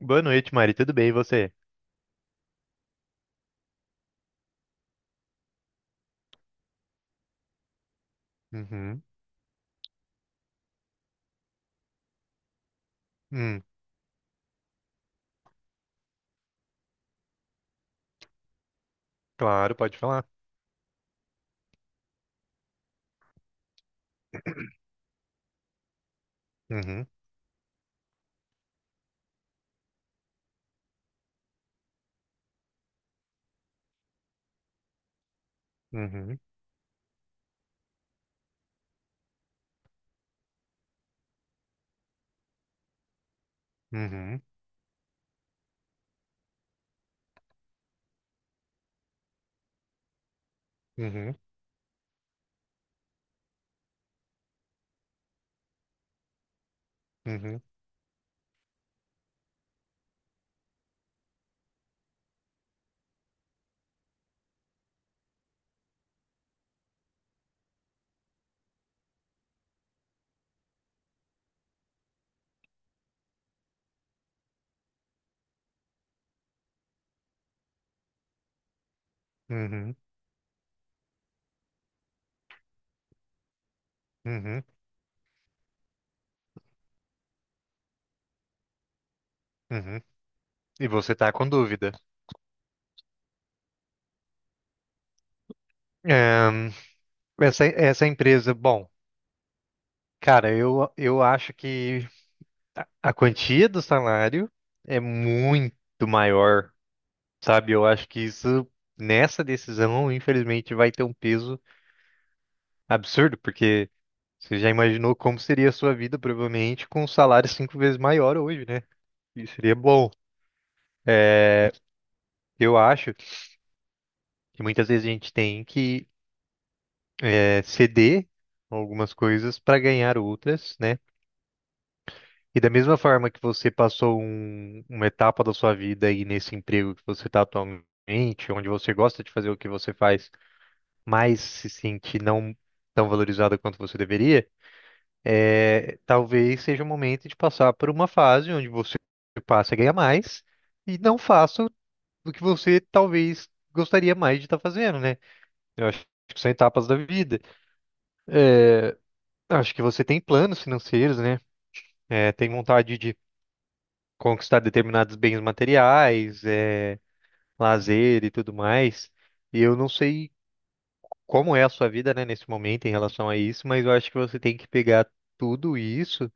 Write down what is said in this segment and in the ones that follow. Boa noite, Mari. Tudo bem, e você? Uhum. Hum, claro, pode falar. Uhum. Uhum. Uhum. Uhum. Uhum. Uhum. Uhum. Uhum. E você tá com dúvida. Ahn, essa empresa, bom, cara, eu acho que a quantia do salário é muito maior, sabe? Eu acho que isso, nessa decisão, infelizmente, vai ter um peso absurdo, porque você já imaginou como seria a sua vida, provavelmente, com um salário cinco vezes maior hoje, né? Isso seria bom. É, eu acho que muitas vezes a gente tem que ceder algumas coisas para ganhar outras, né? E da mesma forma que você passou uma etapa da sua vida aí nesse emprego que você está atualmente, onde você gosta de fazer o que você faz, mas se sente não tão valorizado quanto você deveria, é, talvez seja o momento de passar por uma fase onde você passa a ganhar mais e não faça o que você talvez gostaria mais de estar fazendo, né? Eu acho que são etapas da vida. Eu acho que você tem planos financeiros, né? É, tem vontade de conquistar determinados bens materiais, é, lazer e tudo mais. E eu não sei como é a sua vida, né, nesse momento em relação a isso, mas eu acho que você tem que pegar tudo isso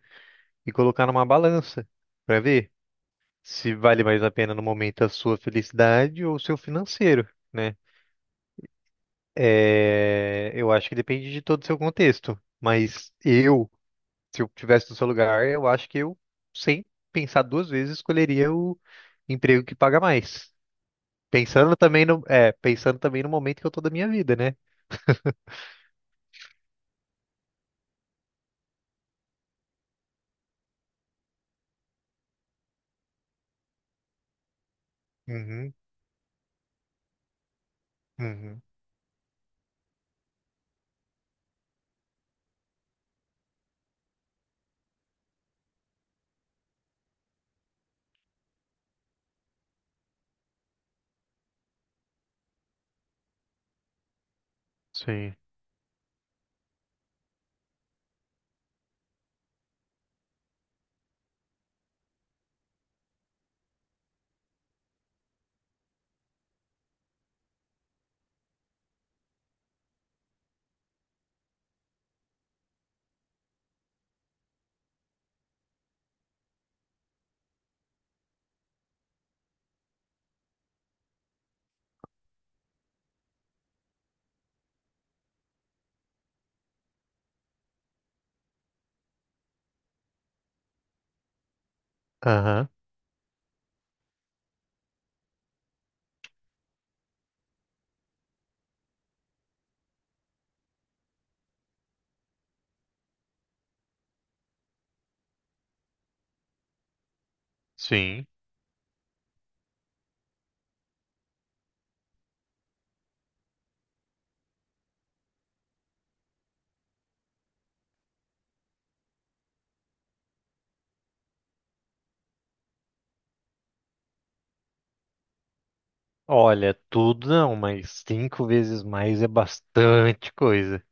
e colocar numa balança para ver se vale mais a pena no momento a sua felicidade ou o seu financeiro, né? É, eu acho que depende de todo o seu contexto, mas eu. Se eu tivesse no seu lugar, eu acho que sem pensar duas vezes, escolheria o emprego que paga mais. Pensando também no, pensando também no momento que eu tô da minha vida, né? Uhum, uhum. Sim. Aham, sim. Olha, tudo não, mas cinco vezes mais é bastante coisa.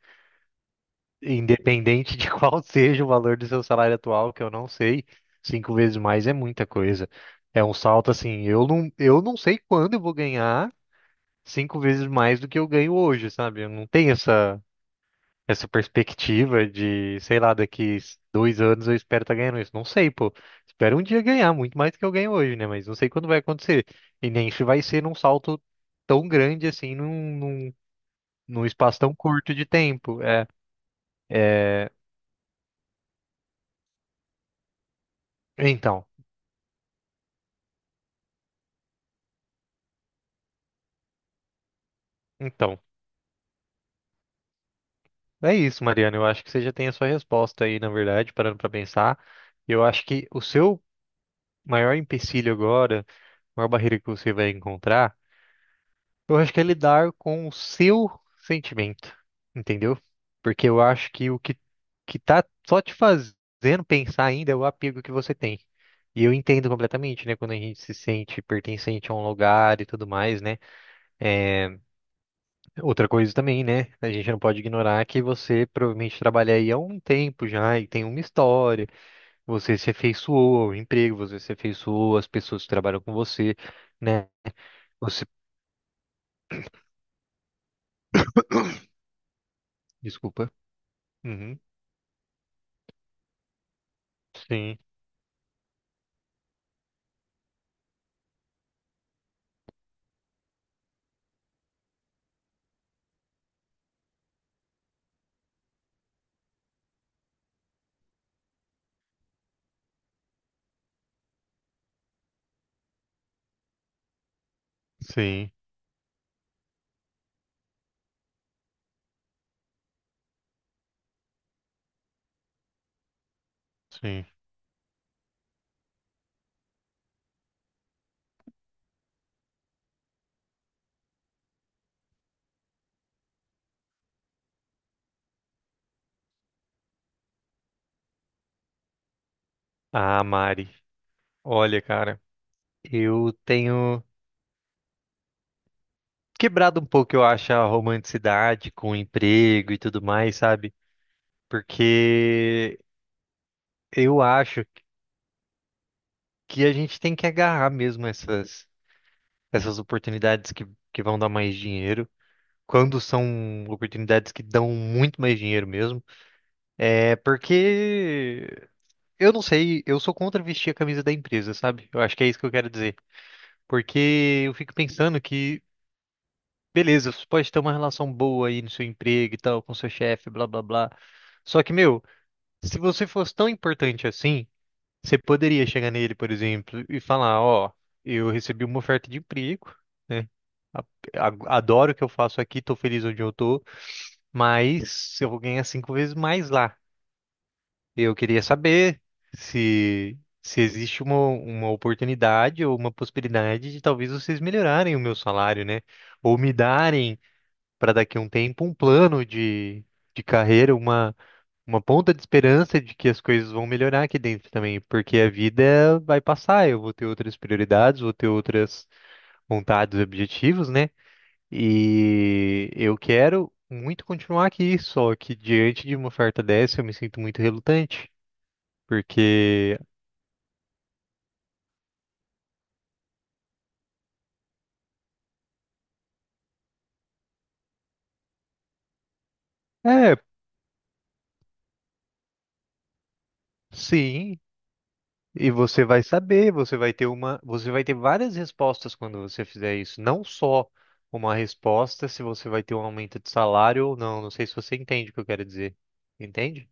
Independente de qual seja o valor do seu salário atual, que eu não sei, cinco vezes mais é muita coisa. É um salto assim, eu não sei quando eu vou ganhar cinco vezes mais do que eu ganho hoje, sabe? Eu não tenho essa perspectiva de, sei lá, daqui 2 anos eu espero estar ganhando isso. Não sei, pô. Espero um dia ganhar muito mais do que eu ganho hoje, né? Mas não sei quando vai acontecer. E nem se vai ser num salto tão grande assim, num espaço tão curto de tempo. É, é... Então. Então, é isso, Mariana. Eu acho que você já tem a sua resposta aí, na verdade, parando para pensar. Eu acho que o seu maior empecilho agora, a maior barreira que você vai encontrar, eu acho que é lidar com o seu sentimento, entendeu? Porque eu acho que que tá só te fazendo pensar ainda é o apego que você tem. E eu entendo completamente, né? Quando a gente se sente pertencente a um lugar e tudo mais, né? É, outra coisa também, né? A gente não pode ignorar que você provavelmente trabalha aí há um tempo já e tem uma história. Você se afeiçoou ao emprego, você se afeiçoou às pessoas que trabalham com você, né? Você, desculpa. Uhum. Sim, sim, sim. Ah, Mari, olha, cara, eu tenho quebrado um pouco, eu acho, a romanticidade com o emprego e tudo mais, sabe? Porque eu acho que a gente tem que agarrar mesmo essas essas oportunidades que vão dar mais dinheiro, quando são oportunidades que dão muito mais dinheiro mesmo. É porque eu não sei, eu sou contra vestir a camisa da empresa, sabe? Eu acho que é isso que eu quero dizer. Porque eu fico pensando que, beleza, você pode ter uma relação boa aí no seu emprego e tal, com seu chefe, blá blá blá. Só que, meu, se você fosse tão importante assim, você poderia chegar nele, por exemplo, e falar, ó, eu recebi uma oferta de emprego, né? A- Adoro o que eu faço aqui, tô feliz onde eu tô, mas eu vou ganhar cinco vezes mais lá. Eu queria saber se existe uma oportunidade ou uma possibilidade de talvez vocês melhorarem o meu salário, né? Ou me darem, para daqui a um tempo, um plano de carreira, uma ponta de esperança de que as coisas vão melhorar aqui dentro também, porque a vida vai passar, eu vou ter outras prioridades, vou ter outras vontades e objetivos, né? E eu quero muito continuar aqui, só que diante de uma oferta dessa eu me sinto muito relutante, porque é, sim, e você vai saber, você vai ter uma, você vai ter várias respostas quando você fizer isso, não só uma resposta se você vai ter um aumento de salário ou não, não sei se você entende o que eu quero dizer. Entende?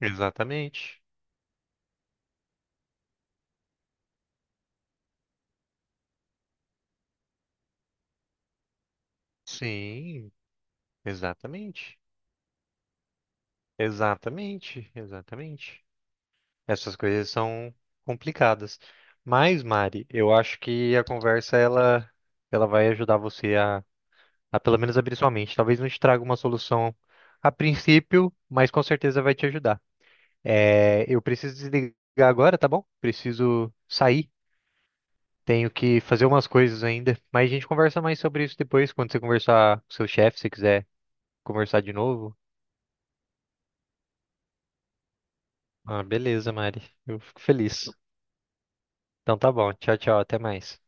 Exatamente. Sim, exatamente. Exatamente, exatamente. Essas coisas são complicadas. Mas, Mari, eu acho que a conversa ela vai ajudar você a pelo menos abrir sua mente. Talvez não te traga uma solução a princípio, mas com certeza vai te ajudar. É, eu preciso desligar agora, tá bom? Preciso sair. Tenho que fazer umas coisas ainda. Mas a gente conversa mais sobre isso depois, quando você conversar com seu chefe, se quiser conversar de novo. Ah, beleza, Mari. Eu fico feliz. Então tá bom. Tchau, tchau. Até mais.